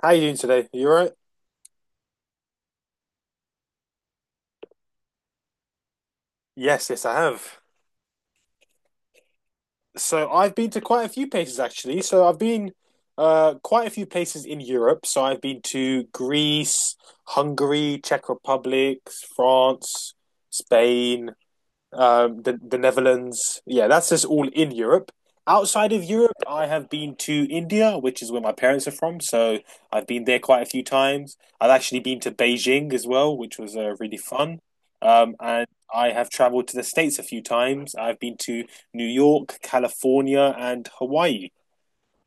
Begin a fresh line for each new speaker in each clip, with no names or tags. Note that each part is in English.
How you doing today? Are you alright? Yes, yes, I have. So I've been to quite a few places actually. So I've been quite a few places in Europe. So I've been to Greece, Hungary, Czech Republic, France, Spain, the Netherlands. Yeah, that's just all in Europe. Outside of Europe, I have been to India, which is where my parents are from, so I've been there quite a few times. I've actually been to Beijing as well, which was really fun. And I have traveled to the States a few times. I've been to New York, California, and Hawaii.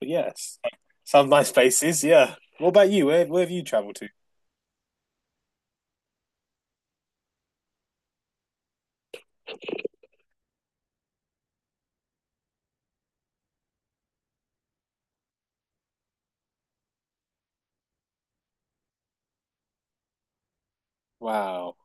But yes, some nice places. Yeah. What about you? Where have you traveled to? Wow.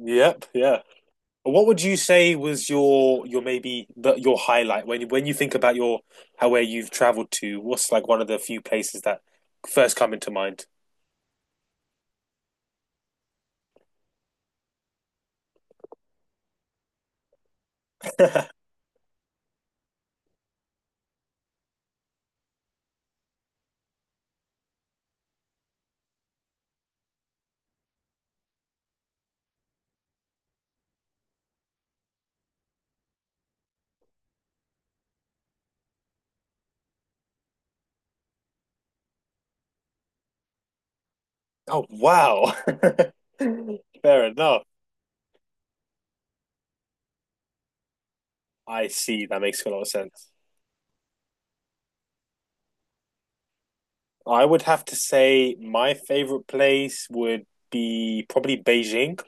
Yep. Yeah. What would you say was your highlight when you think about your how where you've traveled to? What's like one of the few places that first come into mind? Oh wow. Fair enough. I see. That makes a lot of sense. I would have to say my favorite place would be probably Beijing.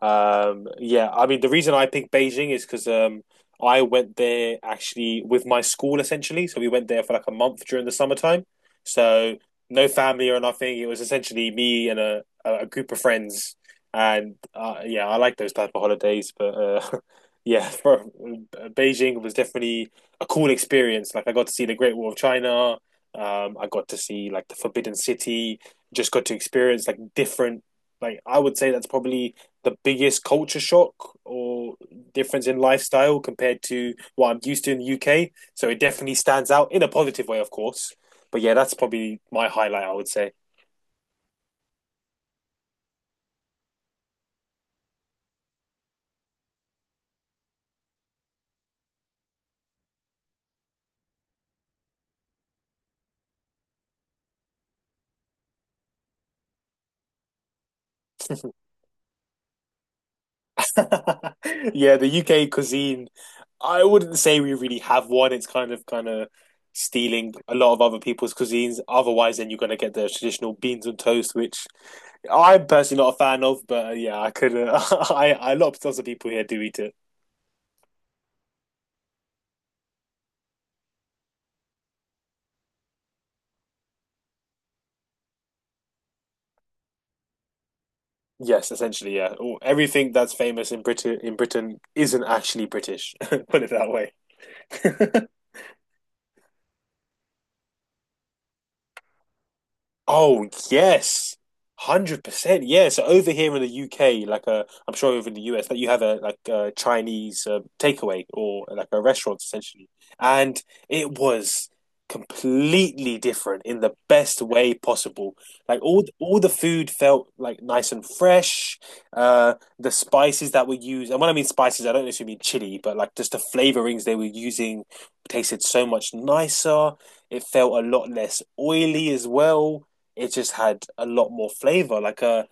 Yeah, I mean, the reason I picked Beijing is because I went there actually with my school essentially. So we went there for like a month during the summertime. So no family or nothing. It was essentially me and a group of friends. And yeah, I like those type of holidays. But yeah, Beijing was definitely a cool experience. Like I got to see the Great Wall of China. I got to see like the Forbidden City. Just got to experience like different. Like I would say that's probably the biggest culture shock or difference in lifestyle compared to what I'm used to in the UK. So it definitely stands out in a positive way, of course. But yeah, that's probably my highlight, I would say. Yeah, the UK cuisine, I wouldn't say we really have one. It's kind of stealing a lot of other people's cuisines. Otherwise, then you're going to get the traditional beans and toast, which I'm personally not a fan of. But yeah, I could. I lots of people here do eat it. Yes, essentially, yeah. Everything that's famous in Britain isn't actually British. Put it that way. Oh yes, 100%. Yeah. So over here in the UK, like I'm sure over in the US, that you have a like a Chinese takeaway or like a restaurant essentially, and it was completely different in the best way possible. Like all the food felt like nice and fresh. The spices that were used, and when I mean spices, I don't necessarily mean chili, but like just the flavorings they were using tasted so much nicer. It felt a lot less oily as well, it just had a lot more flavor. Like uh,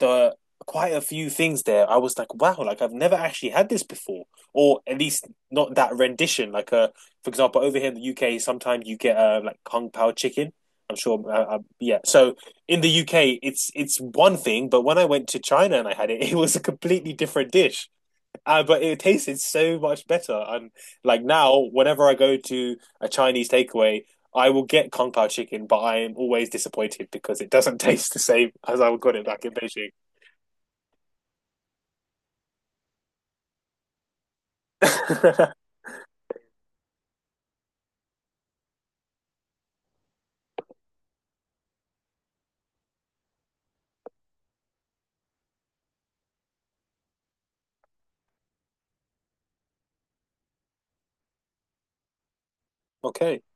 the quite a few things there, I was like, wow, like I've never actually had this before, or at least not that rendition. Like for example, over here in the UK, sometimes you get like kung pao chicken. I'm sure, yeah. So in the UK, it's one thing, but when I went to China and I had it, it was a completely different dish. But it tasted so much better. And like now, whenever I go to a Chinese takeaway, I will get Kung Pao chicken, but I am always disappointed because it doesn't taste the same as I got it back in Beijing. Okay.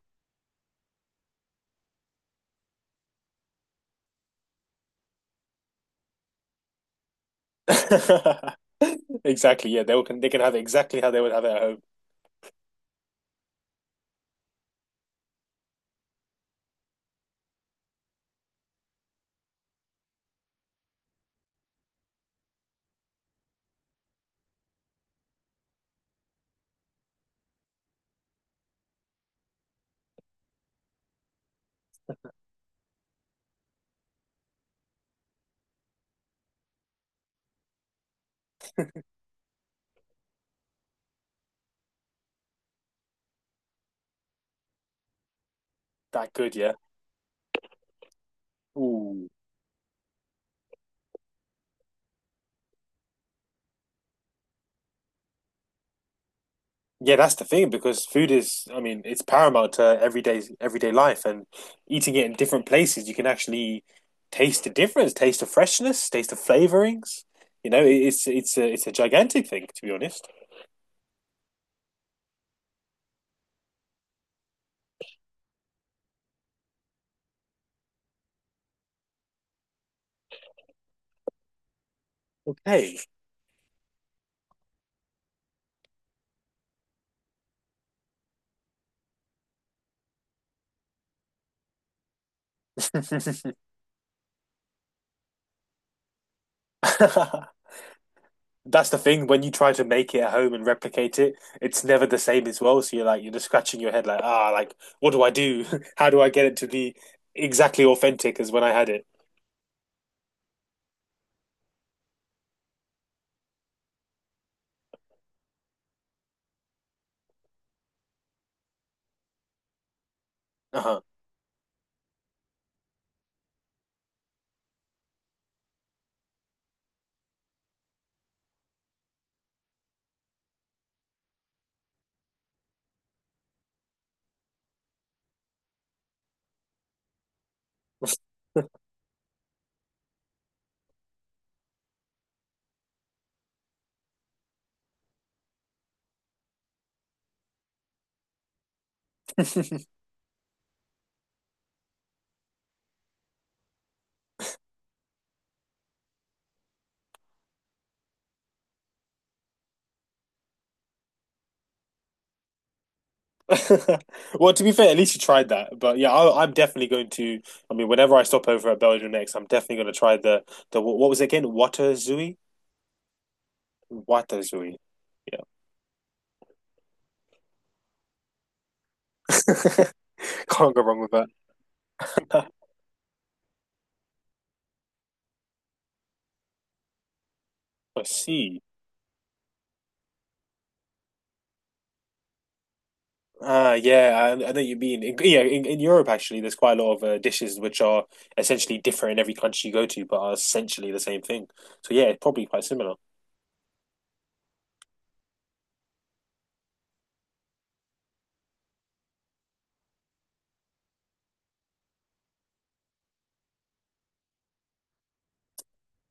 Exactly. Yeah, they will, they can have it exactly how they would have it at home. That good, yeah. Ooh. Yeah, that's the thing because food is, I mean, it's paramount to everyday life and eating it in different places, you can actually taste the difference, taste the freshness, taste the flavorings. You know, it's a gigantic thing to be honest. Okay. That's the thing when you try to make it at home and replicate it, it's never the same as well. So you're like you're just scratching your head like, ah, like what do I do? How do I get it to be exactly authentic as when I had it? Uh-huh. Well, to be fair, at least you tried that. But yeah, I'm definitely going to. I mean, whenever I stop over at Belgium next, I'm definitely going to try the the what was it again? Waterzui? Waterzui. Yeah, can't go wrong with that. I see. Ah, yeah, I know what you mean. In Europe actually, there's quite a lot of dishes which are essentially different in every country you go to, but are essentially the same thing. So yeah, it's probably quite similar.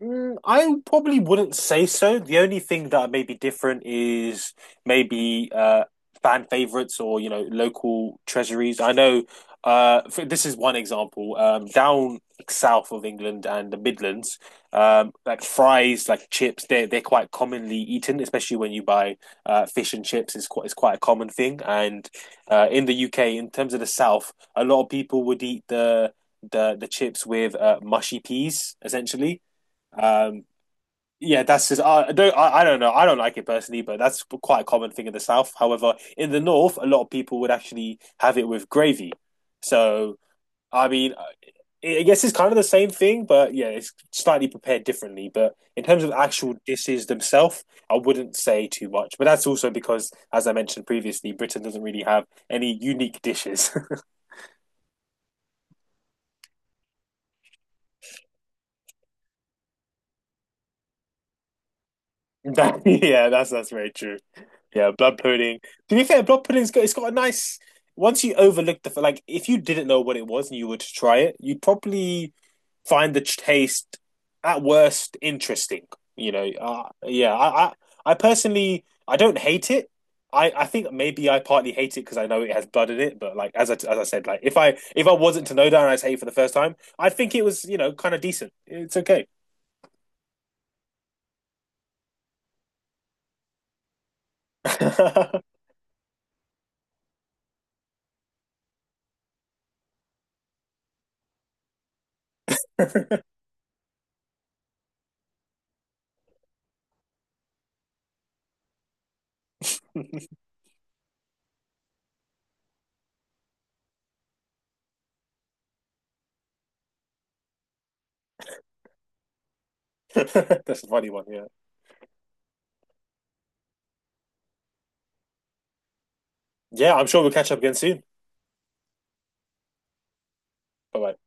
Mm, I probably wouldn't say so. The only thing that may be different is maybe fan favorites or you know local treasuries. I know this is one example. Down south of England and the Midlands, like fries, like chips, they're quite commonly eaten, especially when you buy fish and chips. It's quite a common thing. And in the UK, in terms of the south, a lot of people would eat the chips with mushy peas essentially. Um, yeah, that's just I don't know, I don't like it personally, but that's quite a common thing in the South. However, in the North, a lot of people would actually have it with gravy. So I mean, I guess it's kind of the same thing, but yeah, it's slightly prepared differently. But in terms of actual dishes themselves, I wouldn't say too much. But that's also because, as I mentioned previously, Britain doesn't really have any unique dishes. That, yeah, that's very true. Yeah, blood pudding. To be fair, blood pudding's got, it's got a nice. Once you overlook like, if you didn't know what it was and you were to try it, you'd probably find the taste at worst interesting. You know, yeah. I personally I don't hate it. I think maybe I partly hate it because I know it has blood in it. But like as I said, like if I wasn't to know that and I say it for the first time, I think it was you know kind of decent. It's okay. That's a funny one. Yeah. Yeah, I'm sure we'll catch up again soon. Bye bye.